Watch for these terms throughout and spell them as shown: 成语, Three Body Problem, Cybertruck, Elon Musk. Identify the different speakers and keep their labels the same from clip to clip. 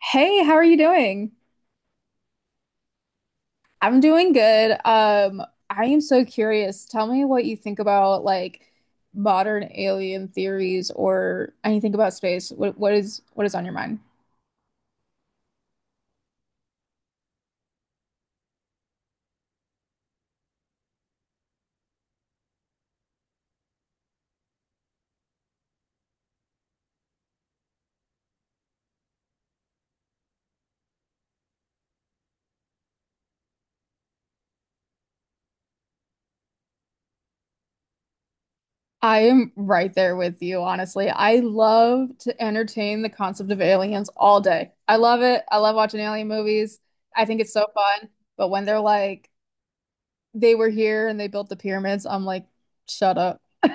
Speaker 1: Hey, how are you doing? I'm doing good. I am so curious. Tell me what you think about like modern alien theories or anything about space. What is on your mind? I am right there with you, honestly. I love to entertain the concept of aliens all day. I love it. I love watching alien movies. I think it's so fun. But when they're like, they were here and they built the pyramids, I'm like, shut up.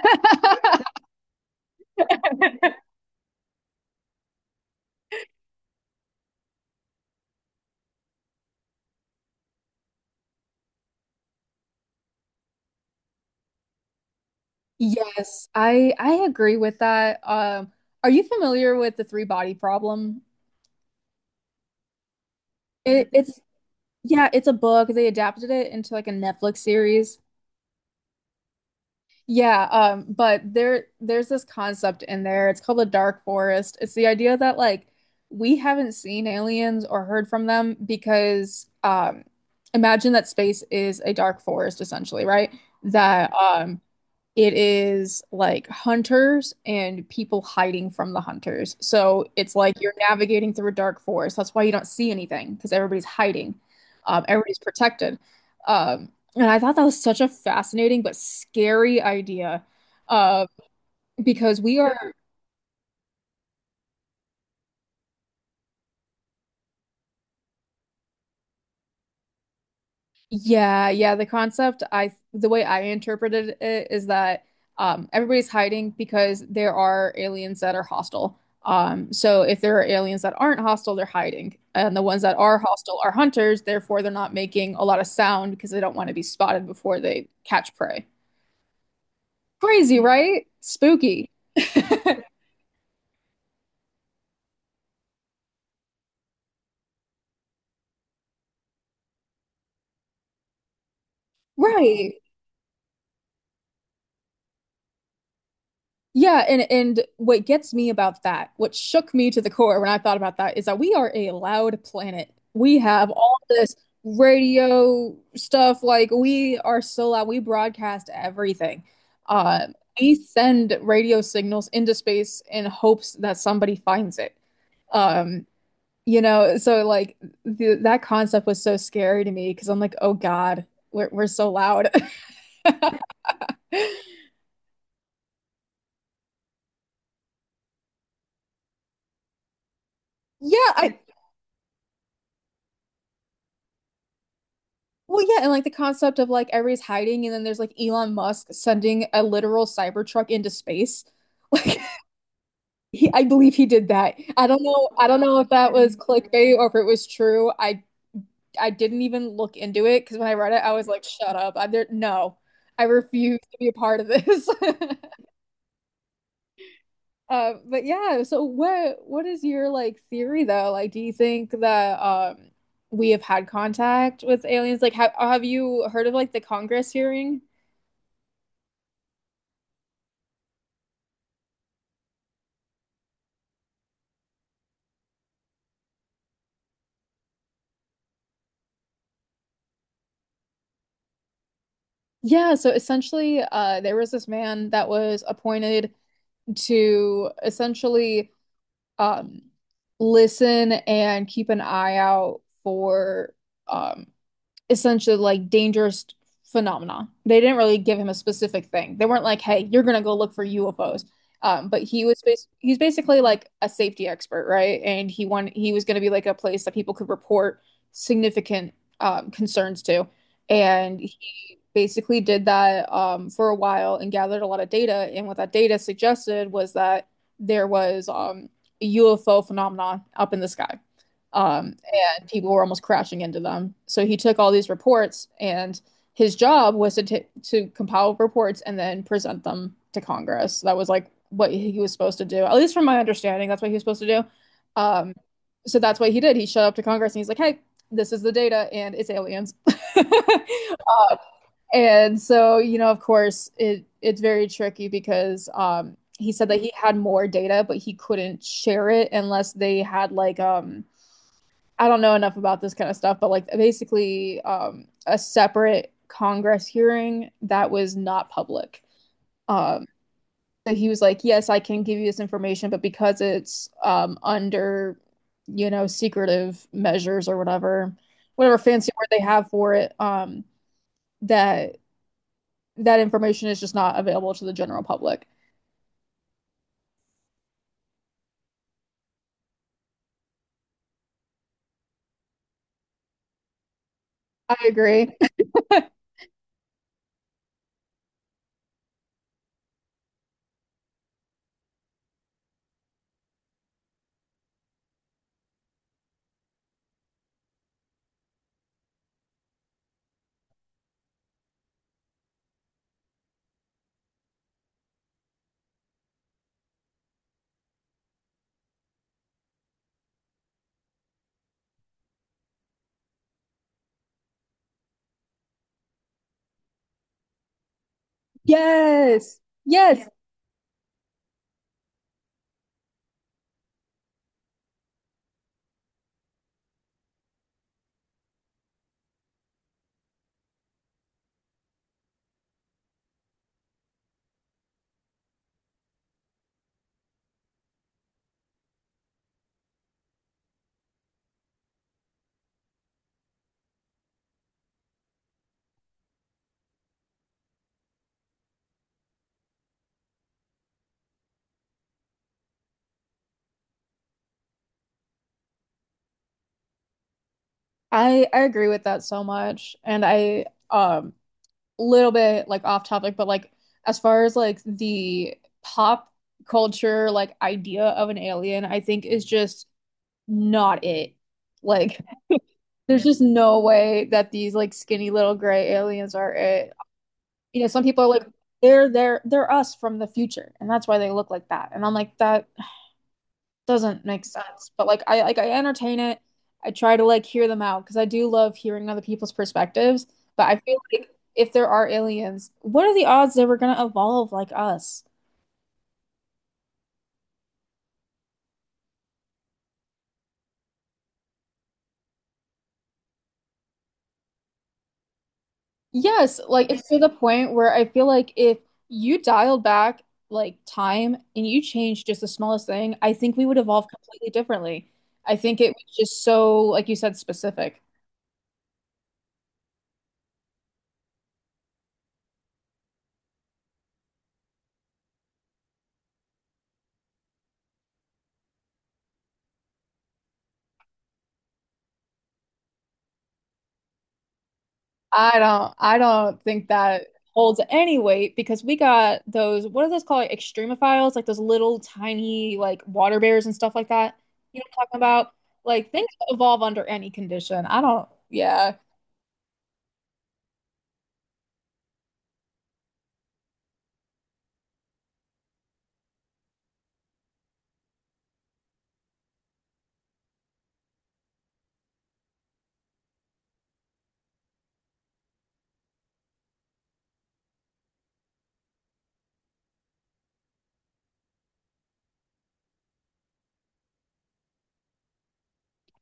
Speaker 1: Yes, I agree with that. Are you familiar with the three body problem? It's yeah, it's a book. They adapted it into like a Netflix series. Yeah, but there's this concept in there. It's called the dark forest. It's the idea that like we haven't seen aliens or heard from them because imagine that space is a dark forest essentially, right? That it is like hunters and people hiding from the hunters. So it's like you're navigating through a dark forest. That's why you don't see anything because everybody's hiding. Everybody's protected. And I thought that was such a fascinating but scary idea uh, because we are yeah, yeah, the concept I the way I interpreted it is that everybody's hiding because there are aliens that are hostile. So if there are aliens that aren't hostile, they're hiding. And the ones that are hostile are hunters, therefore they're not making a lot of sound because they don't want to be spotted before they catch prey. Crazy, right? Spooky. Right. Yeah, and what gets me about that, what shook me to the core when I thought about that, is that we are a loud planet. We have all this radio stuff, like we are so loud. We broadcast everything. Uh, we send radio signals into space in hopes that somebody finds it. Um, you know, so like the, that concept was so scary to me because I'm like, oh God, we're so loud. Yeah, I well, yeah, and like the concept of like everybody's hiding, and then there's like Elon Musk sending a literal Cybertruck into space. Like he, I believe he did that. I don't know. I don't know if that was clickbait or if it was true. I didn't even look into it because when I read it, I was like, shut up. I there no. I refuse to be a part of this. But yeah, so what is your like theory though? Like, do you think that we have had contact with aliens? Like, have you heard of like the Congress hearing? Yeah, so essentially, there was this man that was appointed to essentially um, listen and keep an eye out for um, essentially like dangerous phenomena. They didn't really give him a specific thing. They weren't like, "Hey, you're gonna go look for UFOs," but he's basically like a safety expert, right? And he was gonna be like a place that people could report significant concerns to. And basically did that for a while and gathered a lot of data. And what that data suggested was that there was a UFO phenomenon up in the sky, um, and people were almost crashing into them. So he took all these reports, and his job was to to compile reports and then present them to Congress. That was like what he was supposed to do, at least from my understanding. That's what he was supposed to do. Um, so that's what he did. He showed up to Congress and he's like, "Hey, this is the data, and it's aliens." And so, you know, of course, it's very tricky because he said that he had more data, but he couldn't share it unless they had like I don't know enough about this kind of stuff, but like basically a separate Congress hearing that was not public. Um so he was like, "Yes, I can give you this information, but because it's under, you know, secretive measures or whatever, whatever fancy word they have for it, that that information is just not available to the general public. I agree. Yes. Yes. Yeah. I agree with that so much. And I little bit like off topic, but like as far as like the pop culture like idea of an alien, I think is just not it. Like there's just no way that these like skinny little gray aliens are it. You know, some people are like they're us from the future and that's why they look like that. And I'm like that doesn't make sense. But like I entertain it. I try to like hear them out because I do love hearing other people's perspectives. But I feel like if there are aliens, what are the odds they were gonna evolve like us? Yes, like it's to the point where I feel like if you dialed back like time and you changed just the smallest thing, I think we would evolve completely differently. I think it was just so, like you said, specific. I don't think that holds any weight because we got those what are those called like extremophiles like those little tiny like water bears and stuff like that. You know what I'm talking about? Like things evolve under any condition. I don't yeah,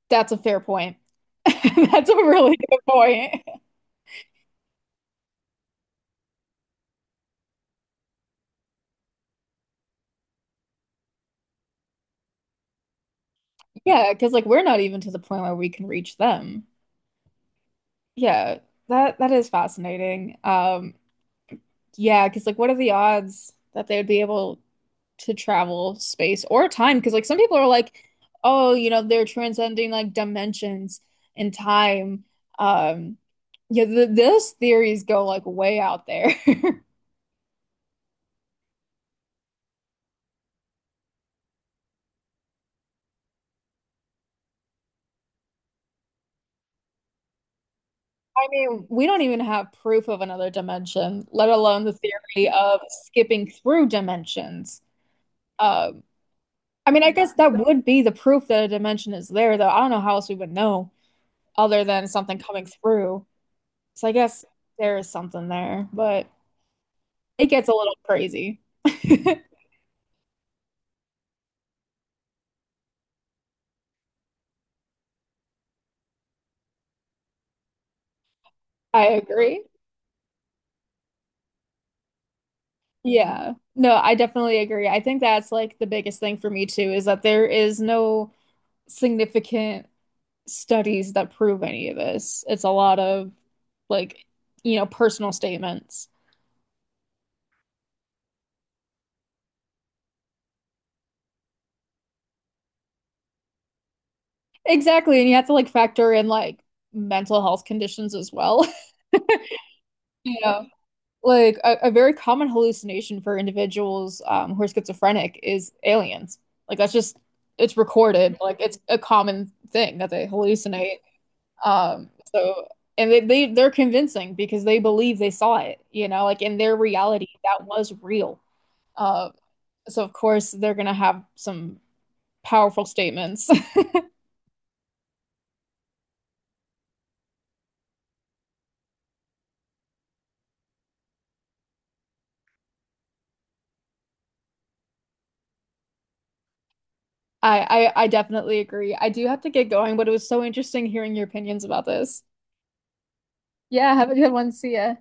Speaker 1: that's a fair point. That's a really good point. Yeah, because like we're not even to the point where we can reach them. Yeah, that that is fascinating. Yeah, because like, what are the odds that they would be able to travel space or time? Because like, some people are like, oh, you know, they're transcending like dimensions and time. Um, yeah, th those theories go like way out there. I mean, we don't even have proof of another dimension, let alone the theory of skipping through dimensions. Um, I mean, I guess that would be the proof that a dimension is there, though. I don't know how else we would know other than something coming through. So I guess there is something there, but it gets a little crazy. I agree. Yeah. No, I definitely agree. I think that's like the biggest thing for me too is that there is no significant studies that prove any of this. It's a lot of like, you know, personal statements. Exactly. And you have to like factor in like mental health conditions as well. You know, like a very common hallucination for individuals who are schizophrenic is aliens. Like that's just it's recorded. Like it's a common thing that they hallucinate. So and they, they're convincing because they believe they saw it, you know, like in their reality that was real. Uh, so of course they're gonna have some powerful statements. I definitely agree. I do have to get going, but it was so interesting hearing your opinions about this. Yeah, have a good one. See ya.